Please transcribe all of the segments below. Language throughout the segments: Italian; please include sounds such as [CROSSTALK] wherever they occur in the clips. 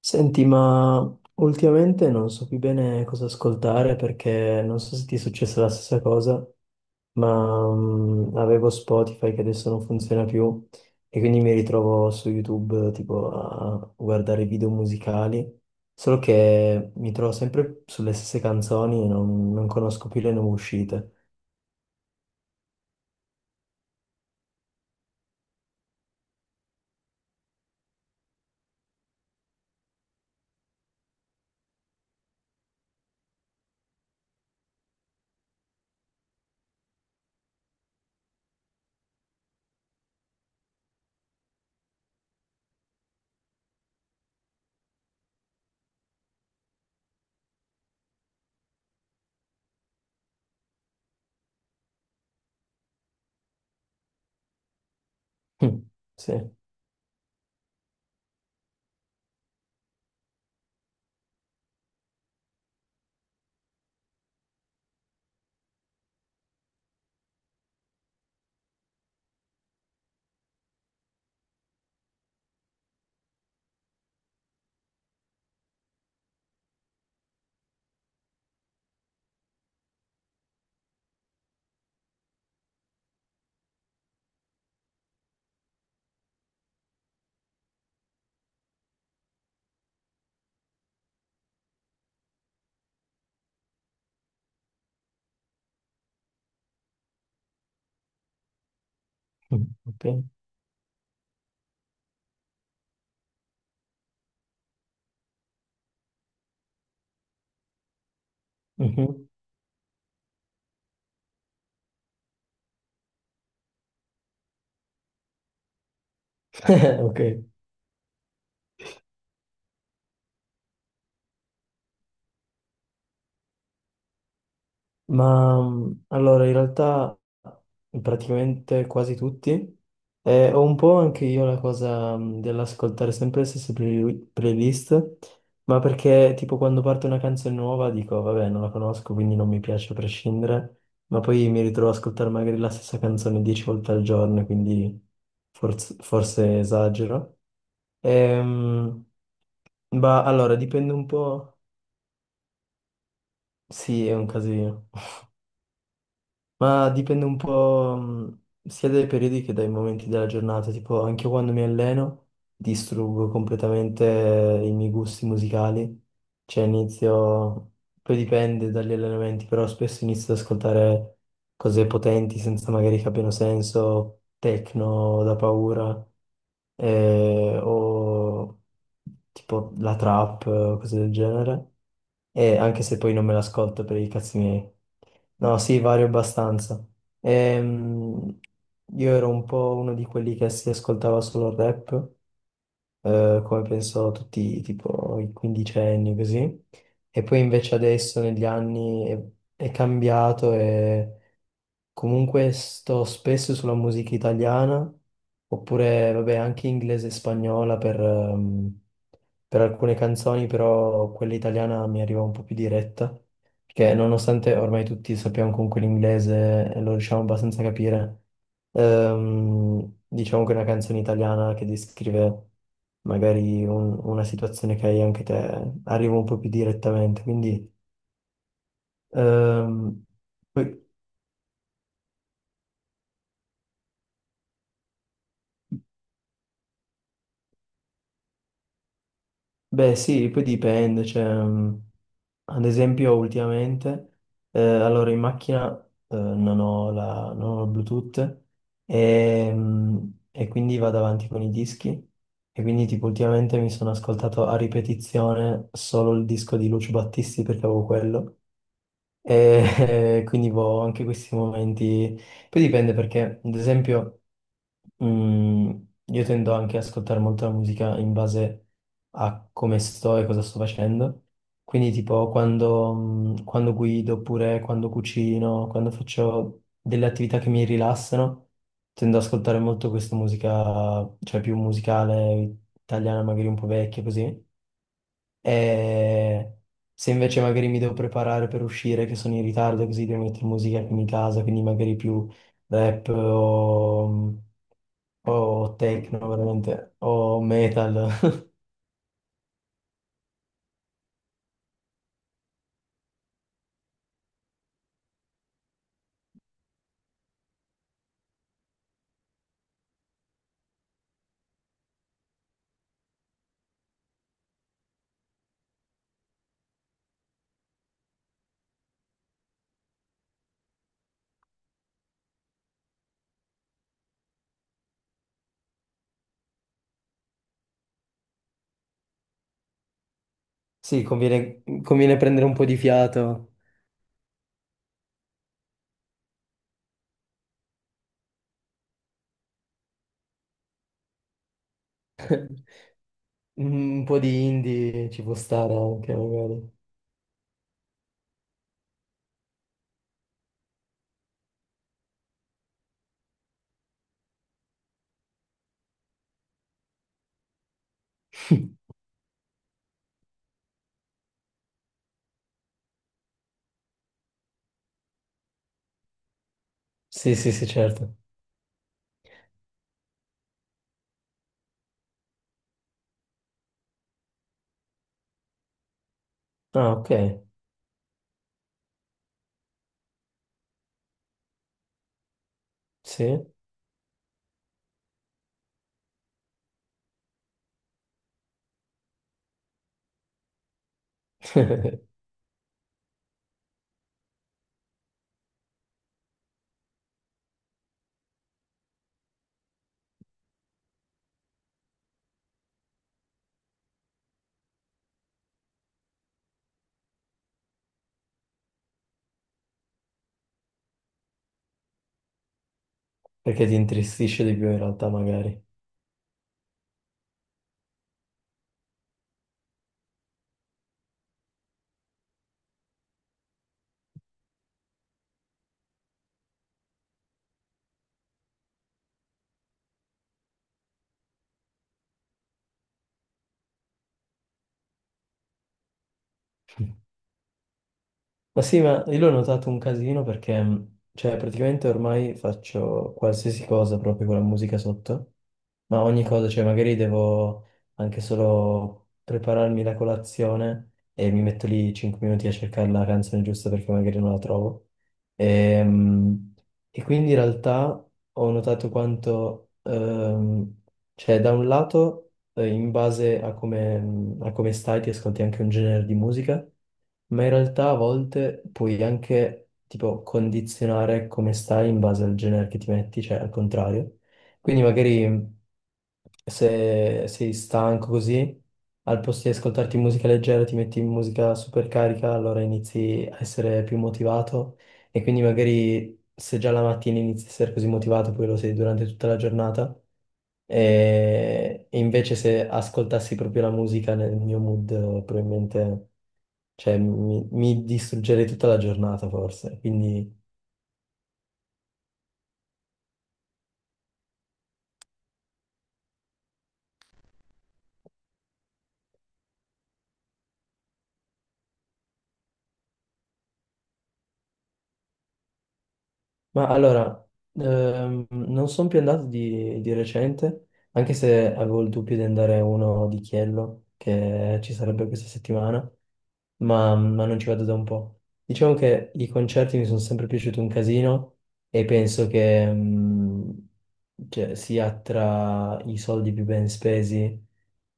Senti, ma ultimamente non so più bene cosa ascoltare perché non so se ti è successa la stessa cosa, ma avevo Spotify che adesso non funziona più e quindi mi ritrovo su YouTube tipo a guardare video musicali, solo che mi trovo sempre sulle stesse canzoni e non conosco più le nuove uscite. Mm. Sì. Mm, ok. Mhm. [LAUGHS] Ok. Ma allora, in realtà praticamente quasi tutti. E ho un po' anche io la cosa dell'ascoltare sempre le stesse playlist, ma perché tipo quando parte una canzone nuova dico, vabbè, non la conosco, quindi non mi piace a prescindere, ma poi mi ritrovo ad ascoltare magari la stessa canzone dieci volte al giorno, quindi forse esagero. Ehm, ma allora, dipende un po'. Sì, è un casino. Ma dipende un po' sia dai periodi che dai momenti della giornata, tipo anche quando mi alleno distruggo completamente i miei gusti musicali, cioè inizio, poi dipende dagli allenamenti, però spesso inizio ad ascoltare cose potenti senza magari che abbiano senso, techno da paura o tipo la trap, cose del genere. E anche se poi non me l'ascolto per i cazzi miei. No, sì, vario abbastanza. Ehm, io ero un po' uno di quelli che si ascoltava solo il rap, come penso tutti, tipo i quindicenni, così. E poi invece adesso negli anni è cambiato e comunque sto spesso sulla musica italiana, oppure vabbè anche inglese e spagnola per alcune canzoni, però quella italiana mi arriva un po' più diretta, perché nonostante ormai tutti sappiamo comunque l'inglese e lo riusciamo abbastanza a capire, diciamo che una canzone italiana che descrive magari una situazione che hai anche te arriva un po' più direttamente, quindi... ehm, poi beh, sì, poi dipende, cioè, ad esempio ultimamente, allora in macchina non ho la, non ho il Bluetooth e quindi vado avanti con i dischi e quindi tipo ultimamente mi sono ascoltato a ripetizione solo il disco di Lucio Battisti perché avevo quello e [LAUGHS] quindi boh, ho anche questi momenti, poi dipende perché ad esempio... Mm, io tendo anche ad ascoltare molto la musica in base a come sto e cosa sto facendo. Quindi, tipo, quando, quando guido, oppure quando cucino, quando faccio delle attività che mi rilassano, tendo ad ascoltare molto questa musica, cioè più musicale, italiana, magari un po' vecchia, così. E se invece magari mi devo preparare per uscire, che sono in ritardo, così devo mettere musica in casa, quindi magari più rap o... o techno veramente, o metal. [LAUGHS] Sì, conviene, conviene prendere un po' di fiato, un po' di indie ci può stare anche magari. [LAUGHS] Sì, sì, sì, certo. Ah, ok, sì. [LAUGHS] Perché ti intristisce di più in realtà magari. Ma sì, ma io l'ho notato un casino perché, cioè, praticamente ormai faccio qualsiasi cosa proprio con la musica sotto, ma ogni cosa, cioè, magari devo anche solo prepararmi la colazione e mi metto lì 5 minuti a cercare la canzone giusta perché magari non la trovo. E, mh, e quindi in realtà ho notato quanto, cioè, da un lato in base a come stai ti ascolti anche un genere di musica, ma in realtà a volte puoi anche tipo condizionare come stai in base al genere che ti metti, cioè al contrario. Quindi magari se sei stanco così, al posto di ascoltarti musica leggera ti metti in musica super carica, allora inizi a essere più motivato e quindi magari se già la mattina inizi a essere così motivato, poi lo sei durante tutta la giornata e invece se ascoltassi proprio la musica nel mio mood, probabilmente, cioè, mi distruggerei tutta la giornata forse. Quindi ma allora, non sono più andato di recente, anche se avevo il dubbio di andare a uno di Chiello, che ci sarebbe questa settimana, ma non ci vado da un po'. Diciamo che i concerti mi sono sempre piaciuti un casino e penso che cioè, sia tra i soldi più ben spesi,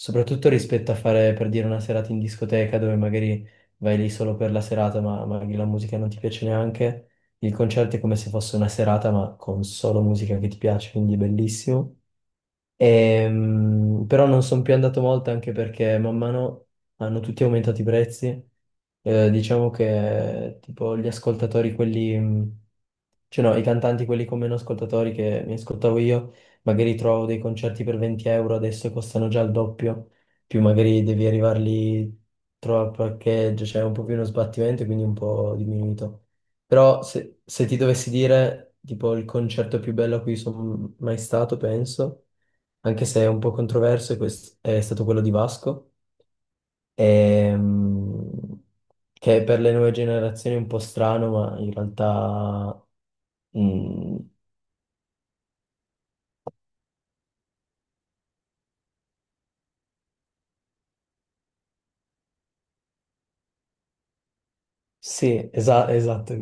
soprattutto rispetto a fare, per dire, una serata in discoteca dove magari vai lì solo per la serata, ma magari la musica non ti piace neanche. Il concerto è come se fosse una serata, ma con solo musica che ti piace, quindi è bellissimo. Però non sono più andato molto anche perché man mano hanno tutti aumentato i prezzi. Diciamo che tipo gli ascoltatori, quelli, cioè no, i cantanti, quelli con meno ascoltatori che mi ascoltavo io, magari trovo dei concerti per 20 euro, adesso costano già il doppio, più magari devi arrivarli, trova il parcheggio, c'è un po' più uno sbattimento, quindi un po' diminuito. Però se, se ti dovessi dire tipo il concerto più bello a cui sono mai stato, penso anche se è un po' controverso, e questo è stato quello di Vasco, ehm, che per le nuove generazioni è un po' strano, ma in realtà... mm, sì, esatto.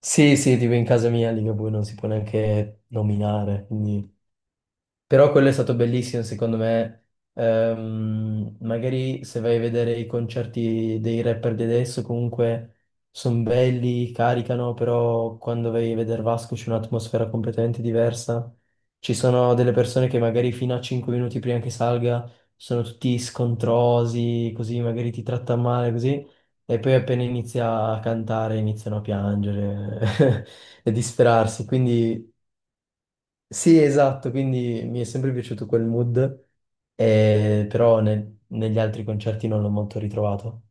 Sì, sì, tipo in casa mia Ligabue non si può neanche nominare, quindi però quello è stato bellissimo, secondo me. Magari se vai a vedere i concerti dei rapper di adesso, comunque sono belli, caricano, però quando vai a vedere Vasco c'è un'atmosfera completamente diversa. Ci sono delle persone che magari fino a 5 minuti prima che salga sono tutti scontrosi, così magari ti tratta male, così. E poi appena inizia a cantare iniziano a piangere [LAUGHS] e disperarsi. Quindi sì, esatto, quindi mi è sempre piaciuto quel mood, però negli altri concerti non l'ho molto ritrovato.